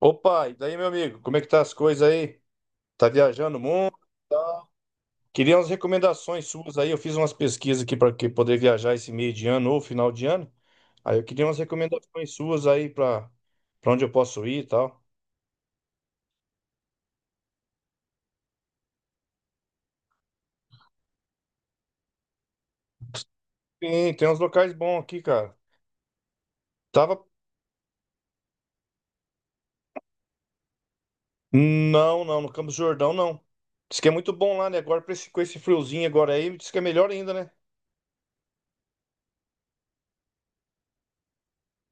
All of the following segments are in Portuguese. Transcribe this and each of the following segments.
Opa, e daí, meu amigo, como é que tá as coisas aí? Tá viajando o mundo? Tá. Queria umas recomendações suas aí. Eu fiz umas pesquisas aqui para que poder viajar esse meio de ano ou final de ano. Aí eu queria umas recomendações suas aí para onde eu posso ir e tal. Sim, tem uns locais bons aqui, cara. Tava. Não, não, no Campos do Jordão não. Diz que é muito bom lá, né? Agora pra com esse friozinho agora aí, diz que é melhor ainda, né?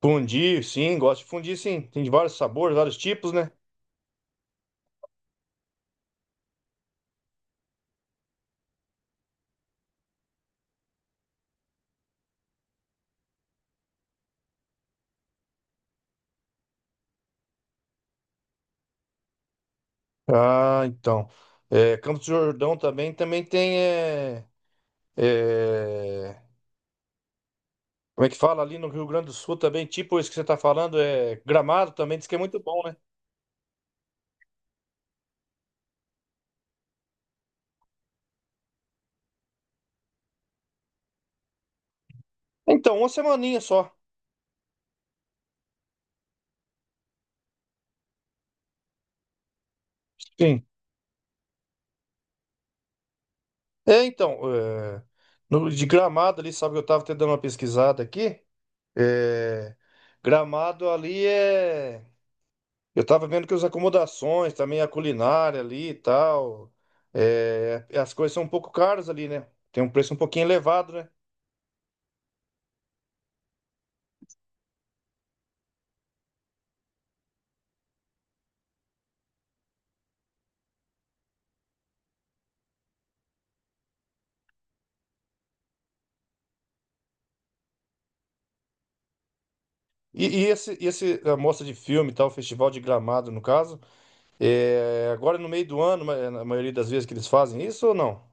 Fundir, sim, gosto de fundir, sim. Tem de vários sabores, vários tipos, né? Ah, então. É, Campos do Jordão também, também tem. É, como é que fala ali no Rio Grande do Sul também? Tipo isso que você está falando, é Gramado também, diz que é muito bom, né? Então, uma semaninha só. Sim. É, então. É, no, de Gramado ali, sabe que eu estava até dando uma pesquisada aqui. É, Gramado ali é. Eu estava vendo que as acomodações, também a culinária ali e tal. É, as coisas são um pouco caras ali, né? Tem um preço um pouquinho elevado, né? E esse, esse a mostra de filme, e tal, o Festival de Gramado, no caso, é agora no meio do ano, na maioria das vezes que eles fazem isso ou não?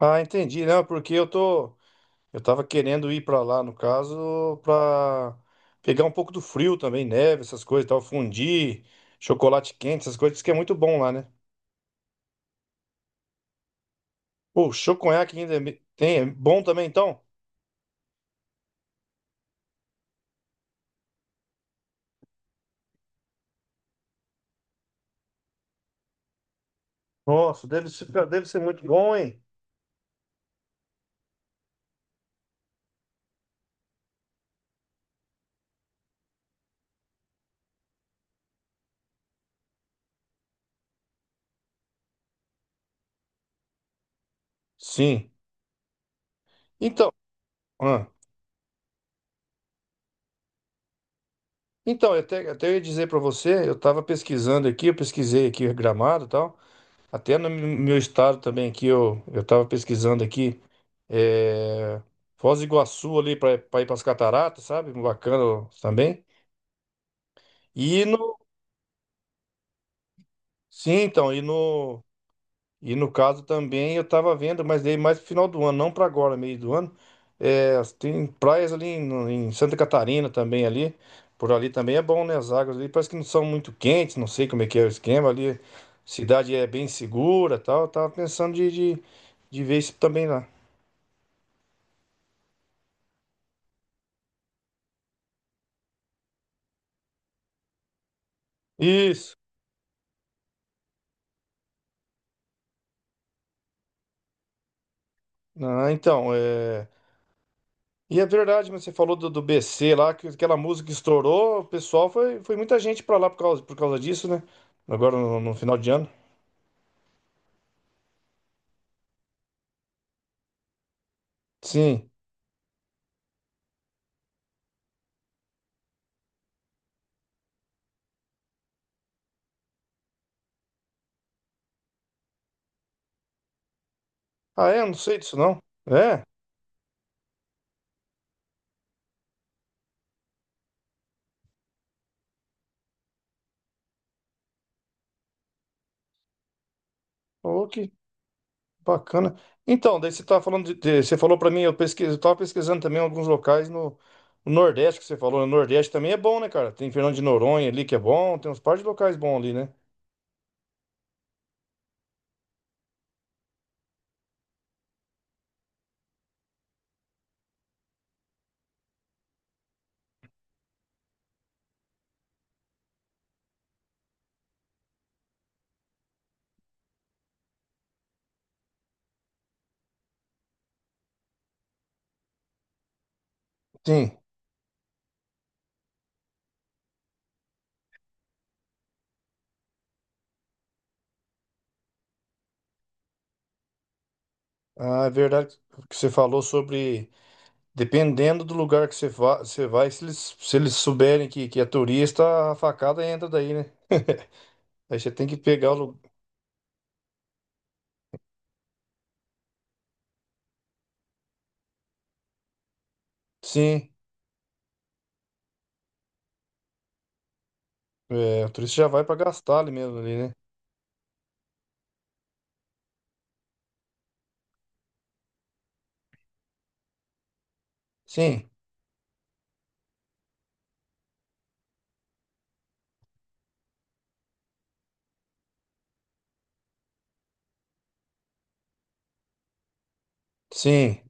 Ah, entendi, não, porque eu tô, eu tava querendo ir pra lá, no caso, pra pegar um pouco do frio também, neve, essas coisas, e tal, fondue, chocolate quente, essas coisas, diz que é muito bom lá, né? Pô, o choconhaque ainda tem, é bom também, então? Nossa, deve ser muito bom, hein? Sim. Então, ah. Então, eu até, até eu ia dizer para você, eu estava pesquisando aqui, eu pesquisei aqui Gramado e tal, até no meu estado também aqui, eu estava pesquisando aqui, é, Foz do Iguaçu ali para ir para as cataratas, sabe? Bacana também. E no, sim, então, e no. E no caso também eu tava vendo, mas daí mais pro final do ano, não pra agora, meio do ano. É, tem praias ali em Santa Catarina também ali. Por ali também é bom, né? As águas ali parece que não são muito quentes, não sei como é que é o esquema ali. Cidade é bem segura, tal. Eu tava pensando de ver isso também lá. Isso. Ah, então, é... E é verdade, mas você falou do, do BC lá, que aquela música que estourou, o pessoal foi, foi muita gente pra lá por causa disso, né? Agora no final de ano. Sim. Ah, é? Não sei disso, não. É? Ô, que bacana. Então, daí você tá falando de, você falou pra mim, eu pesquisei, eu tava pesquisando também alguns locais no, no Nordeste que você falou. No Nordeste também é bom, né, cara? Tem Fernando de Noronha ali que é bom, tem uns par de locais bons ali, né? Sim. Ah, é verdade que você falou sobre, dependendo do lugar que você, você vai, se eles, se eles souberem que é turista, a facada entra daí, né? Aí você tem que pegar o lugar. Sim, é, o turista já vai pra gastar ali mesmo, ali, né? Sim, sim.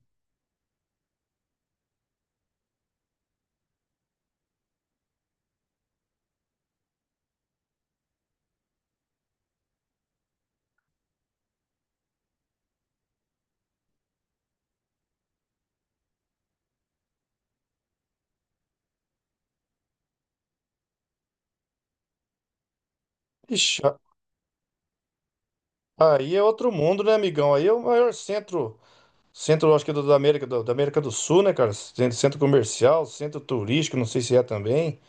Ixi, a- aí é outro mundo, né, amigão? Aí é o maior centro, centro, acho que é da América do Sul, né, cara? Centro, centro comercial, centro turístico, não sei se é também,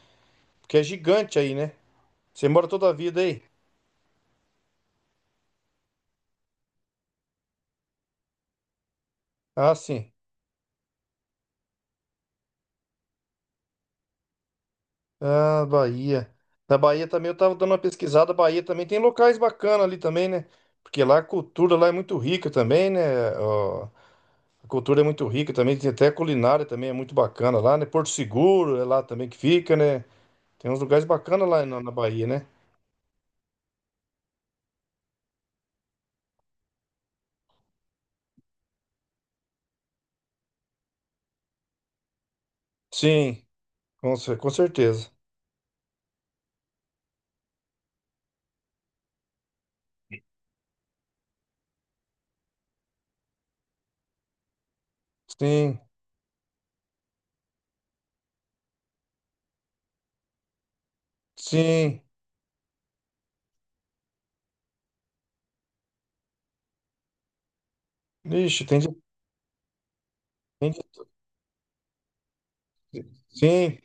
porque é gigante aí, né? Você mora toda a vida aí? Ah, sim. Ah, Bahia. Na Bahia também eu tava dando uma pesquisada. A Bahia também tem locais bacanas ali também, né? Porque lá a cultura lá é muito rica também, né? Ó, a cultura é muito rica também, tem até a culinária também é muito bacana lá, né? Porto Seguro é lá também que fica, né? Tem uns lugares bacanas lá na Bahia, né? Sim, com, com certeza. Sim, sim. Ixi, tem de, tem de- Sim.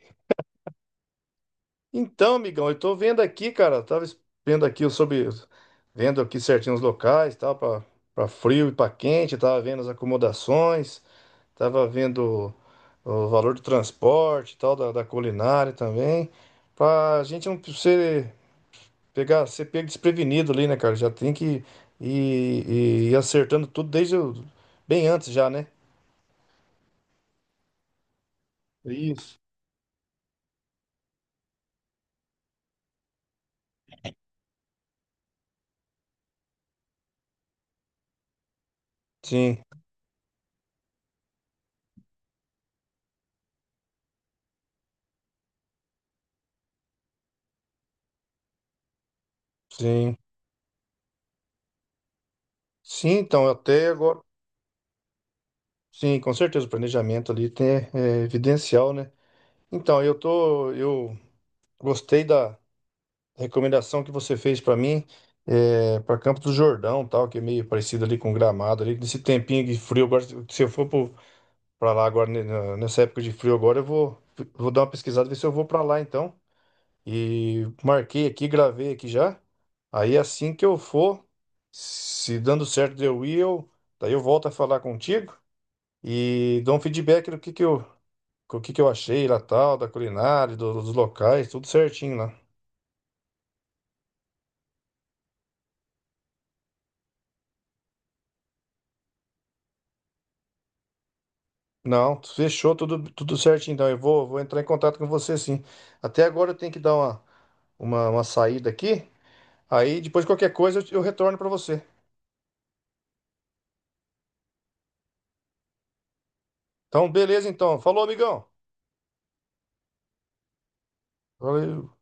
Então, amigão, eu tô vendo aqui, cara, vendo aqui sobre, vendo aqui certinho os locais, tal, pra, para frio e pra quente, tava vendo as acomodações, tava vendo o valor do transporte, e tal, da, da culinária também, pra gente não ser, pegar, ser pego desprevenido ali, né, cara? Já tem que ir acertando tudo bem antes já, né? Isso. Sim, sim. Sim, então, até agora. Sim, com certeza, o planejamento ali tem, é evidencial, né? Então, eu tô. Eu gostei da recomendação que você fez para mim, é, para Campos do Jordão, tal, que é meio parecido ali com Gramado, ali, nesse tempinho de frio. Agora, se eu for para lá agora, né, nessa época de frio agora, eu vou, vou dar uma pesquisada, ver se eu vou para lá, então. E marquei aqui, gravei aqui já. Aí assim que eu for, se dando certo de eu ir, eu, daí eu volto a falar contigo e dou um feedback do que eu, o que que eu achei lá tal, da culinária, dos locais, tudo certinho lá. Não, fechou tudo, tudo certinho, então eu vou, vou entrar em contato com você sim. Até agora eu tenho que dar uma saída aqui, aí depois qualquer coisa eu retorno para você. Então, beleza então. Falou, amigão. Valeu.